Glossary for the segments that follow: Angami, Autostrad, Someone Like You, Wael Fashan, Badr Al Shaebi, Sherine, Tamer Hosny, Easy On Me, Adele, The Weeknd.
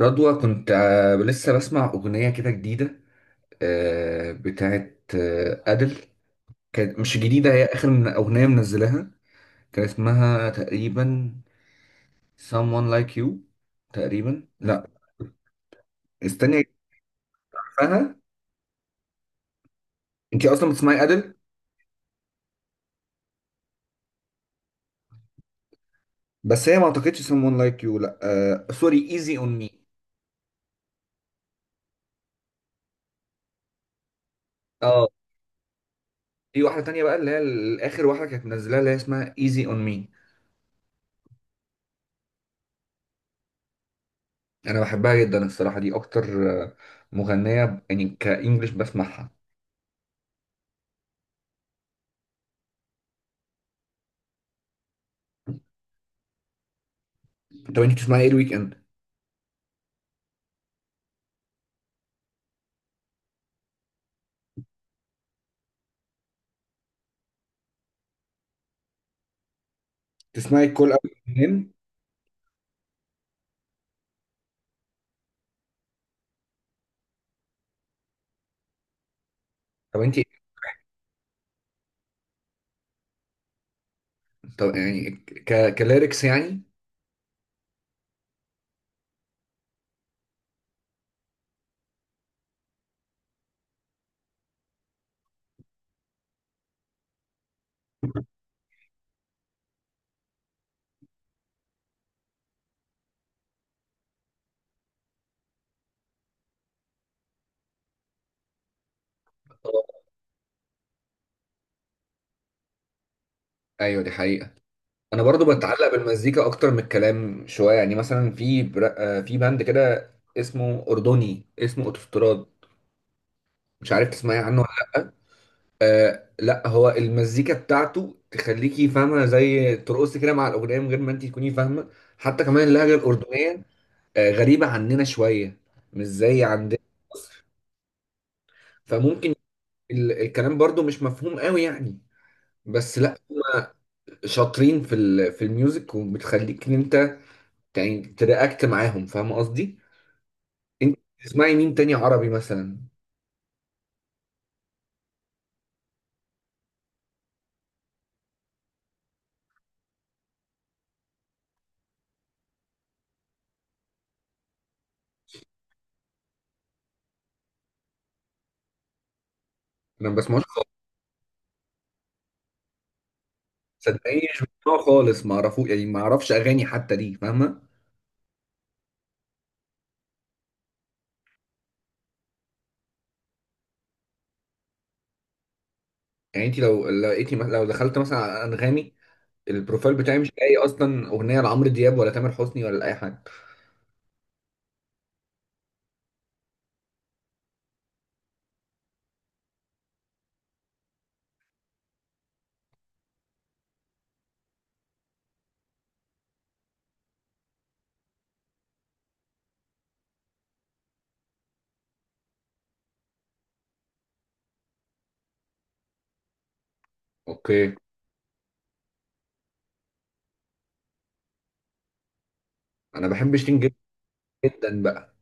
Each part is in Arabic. رضوى كنت لسه بسمع أغنية كده جديدة، بتاعت أدل. كانت مش جديدة، هي آخر من أغنية منزلها. كان اسمها تقريبا Someone Like You. تقريبا لا. استني أفهمها. أنت أصلا بتسمعي أدل؟ بس هي ما أعتقدش Someone Like You، لا سوري Easy On Me. أه. في واحدة تانية بقى اللي هي آخر واحدة كانت منزلها اللي هي اسمها Easy On Me. أنا بحبها جدا الصراحة، دي أكتر مغنية يعني كإنجلش بسمعها. طب انت بتسمعي ايه الويك اند؟ تسمعي الكل اول منين؟ طب انت، طب يعني كليركس يعني. ايوه دي حقيقة. انا برضو بتعلق بالمزيكا اكتر من الكلام شوية، يعني مثلا في بر... آه، في باند كده اسمه اردني، اسمه اوتوستراد. مش عارف تسمعي عنه ولا لا. لا، هو المزيكا بتاعته تخليكي فاهمة، زي ترقصي كده مع الأغنية من غير ما انت تكوني فاهمة. حتى كمان اللهجة الأردنية غريبة عننا شوية، مش زي عندنا في مصر. فممكن الكلام برضو مش مفهوم قوي يعني. بس لا، هما شاطرين في الميوزك، وبتخليك ان انت يعني ترياكت معاهم، فاهم قصدي. انت بتسمعي مين تاني عربي مثلا؟ انا ما بسمعوش خالص. صدقيني مش بسمعه خالص، ما اعرفوش يعني، ما اعرفش اغاني حتى دي، فاهمه. يعني انت لو لقيتي لو دخلت مثلا على انغامي، البروفايل بتاعي مش لاقي اصلا اغنيه لعمرو دياب ولا تامر حسني ولا لاي حد. اوكي. انا بحب شيرين جدا، جدا بقى.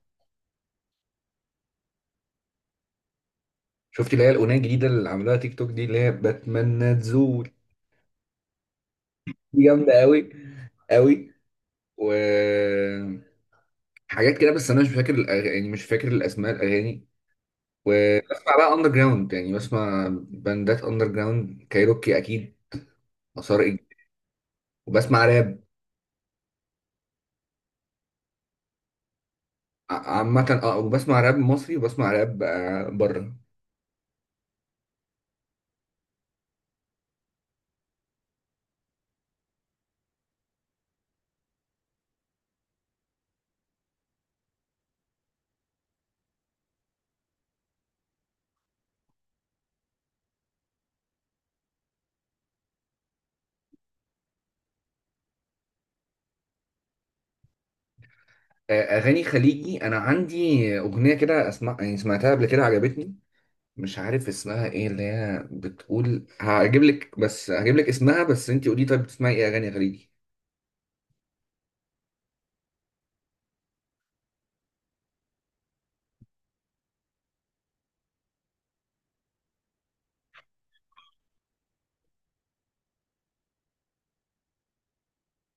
شفتي اللي هي الاغنيه الجديده اللي عملوها تيك توك دي، اللي هي بتمنى تزول؟ دي جامده قوي قوي. وحاجات كده، بس انا مش فاكر يعني مش فاكر الاسماء الاغاني. وبسمع بقى اندر جراوند، يعني بسمع باندات اندر جراوند، كايروكي اكيد، مسار، وبسمع راب. عامه اه، وبسمع راب مصري وبسمع راب بره. اغاني خليجي انا عندي اغنيه كده اسمع، يعني سمعتها قبل كده عجبتني. مش عارف اسمها ايه، اللي هي بتقول هجيب لك، بس هجيب لك اسمها. بس انت قولي، طيب بتسمعي ايه اغاني خليجي؟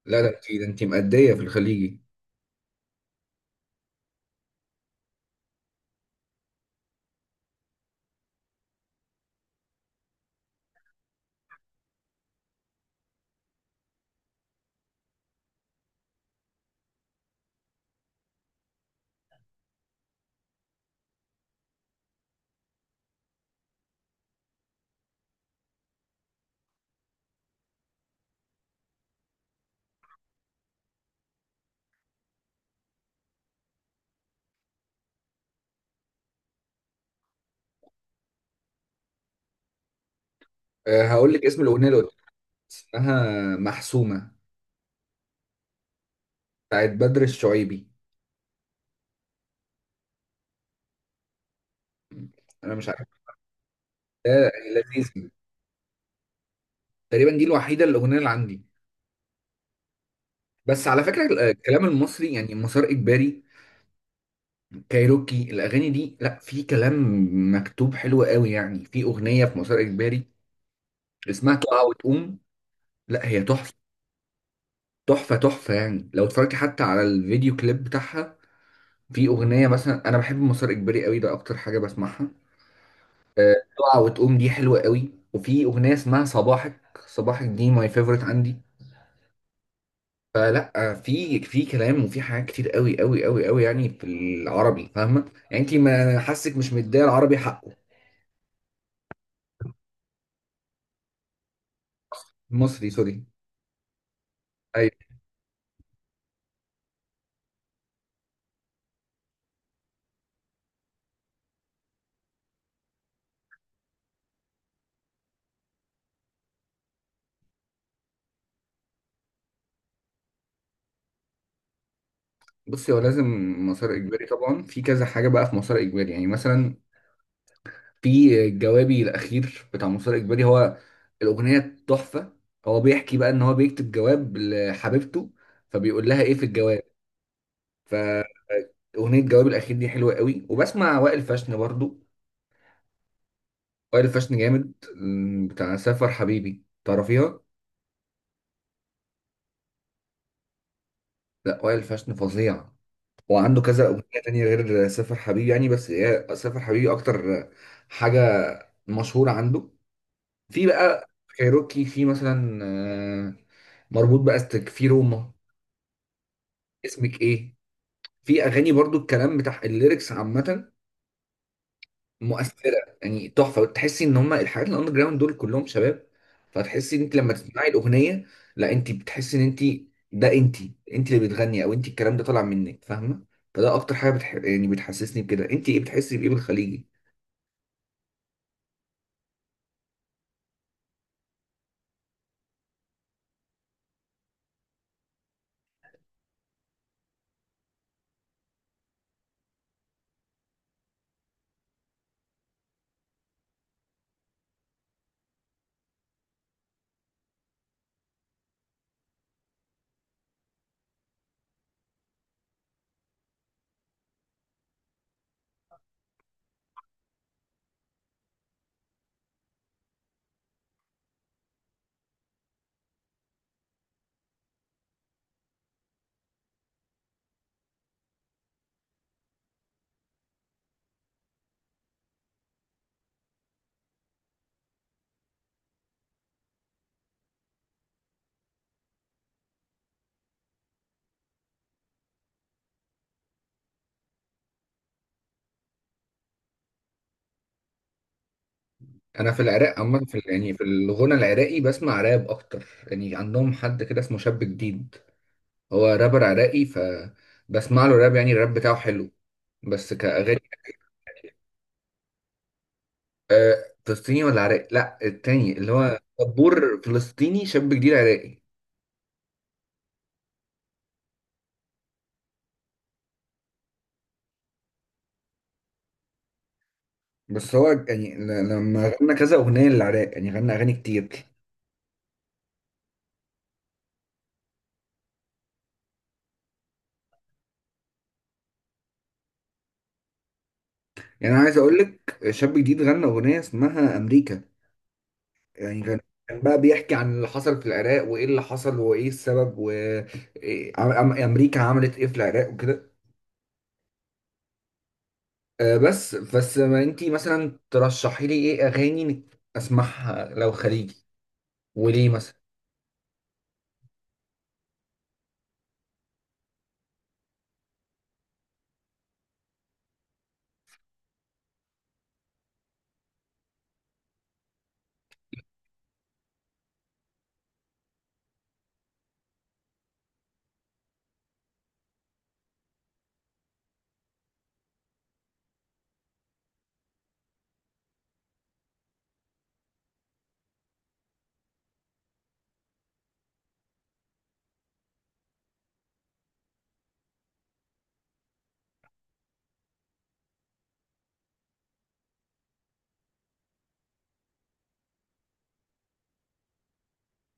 لا، ده انت ده انت مأدية في الخليجي. أه، هقول لك اسم الأغنية اللي قلت لك. اسمها محسومة، بتاعت بدر الشعيبي. أنا مش عارف. ده لذيذ. تقريبا دي الوحيدة الأغنية اللي عندي. بس على فكرة الكلام المصري يعني مسار إجباري، كايروكي، الأغاني دي لا، في كلام مكتوب حلو قوي يعني. في أغنية في مسار إجباري اسمها تقع وتقوم. لا هي تحفة تحفة تحفة، يعني لو اتفرجتي حتى على الفيديو كليب بتاعها. في أغنية مثلا، أنا بحب مسار إجباري قوي، ده أكتر حاجة بسمعها. تقع وتقوم دي حلوة قوي، وفي أغنية اسمها صباحك. صباحك دي ماي فيفورت عندي. فلا، في كلام وفي حاجات كتير قوي قوي قوي قوي يعني في العربي، فاهمة يعني، انت ما حاسك مش مديه العربي حقه. المصري سوري. ايوه. بصي هو لازم مسار اجباري طبعا، في كذا حاجة بقى في مسار اجباري، يعني مثلا في جوابي الأخير بتاع مسار اجباري، هو الأغنية تحفة. هو بيحكي بقى ان هو بيكتب جواب لحبيبته، فبيقول لها ايه في الجواب. ف اغنيه الجواب الاخير دي حلوه قوي. وبسمع وائل فاشن برضو. وائل فاشن جامد، بتاع سافر حبيبي، تعرفيها؟ لا، وائل فاشن فظيع، وعنده كذا اغنيه تانية غير سافر حبيبي يعني، بس هي سافر حبيبي اكتر حاجه مشهوره عنده. في بقى كايروكي في مثلا مربوط، بقى استك في روما، اسمك ايه. في اغاني برضو الكلام بتاع الليركس عامه مؤثره يعني، تحفه، وتحسي ان هم الحاجات الاندر جراوند دول كلهم شباب. فتحسي ان انت لما تسمعي الاغنيه، لا انت بتحسي ان انت، ده انت اللي بتغني، او انت الكلام ده طالع منك، فاهمه. فده اكتر حاجه يعني بتحسسني بكده. انت ايه بتحسي بايه بالخليجي؟ انا في العراق عامه، في يعني في الغنى العراقي بسمع راب اكتر. يعني عندهم حد كده اسمه شاب جديد، هو رابر عراقي، فبسمع له راب. يعني الراب بتاعه حلو بس كأغاني. فلسطيني ولا عراقي؟ لا، التاني اللي هو طبور فلسطيني، شاب جديد عراقي. بس هو يعني لما غنى كذا أغنية للعراق يعني، غنى أغاني كتير. يعني أنا عايز أقول لك، شاب جديد غنى أغنية اسمها أمريكا. يعني كان بقى بيحكي عن اللي حصل في العراق، وإيه اللي حصل وإيه السبب، وأمريكا عملت إيه في العراق وكده. بس ما أنتي مثلا ترشحي لي إيه أغاني أسمعها لو خليجي، وليه مثلا.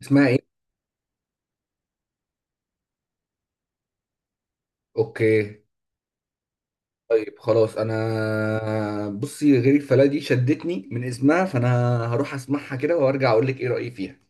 اسمها إيه؟ أوكي. طيب خلاص، انا بصي، غير الفلا دي شدتني من اسمها، فانا هروح اسمعها كده وارجع اقول لك ايه رأيي فيها.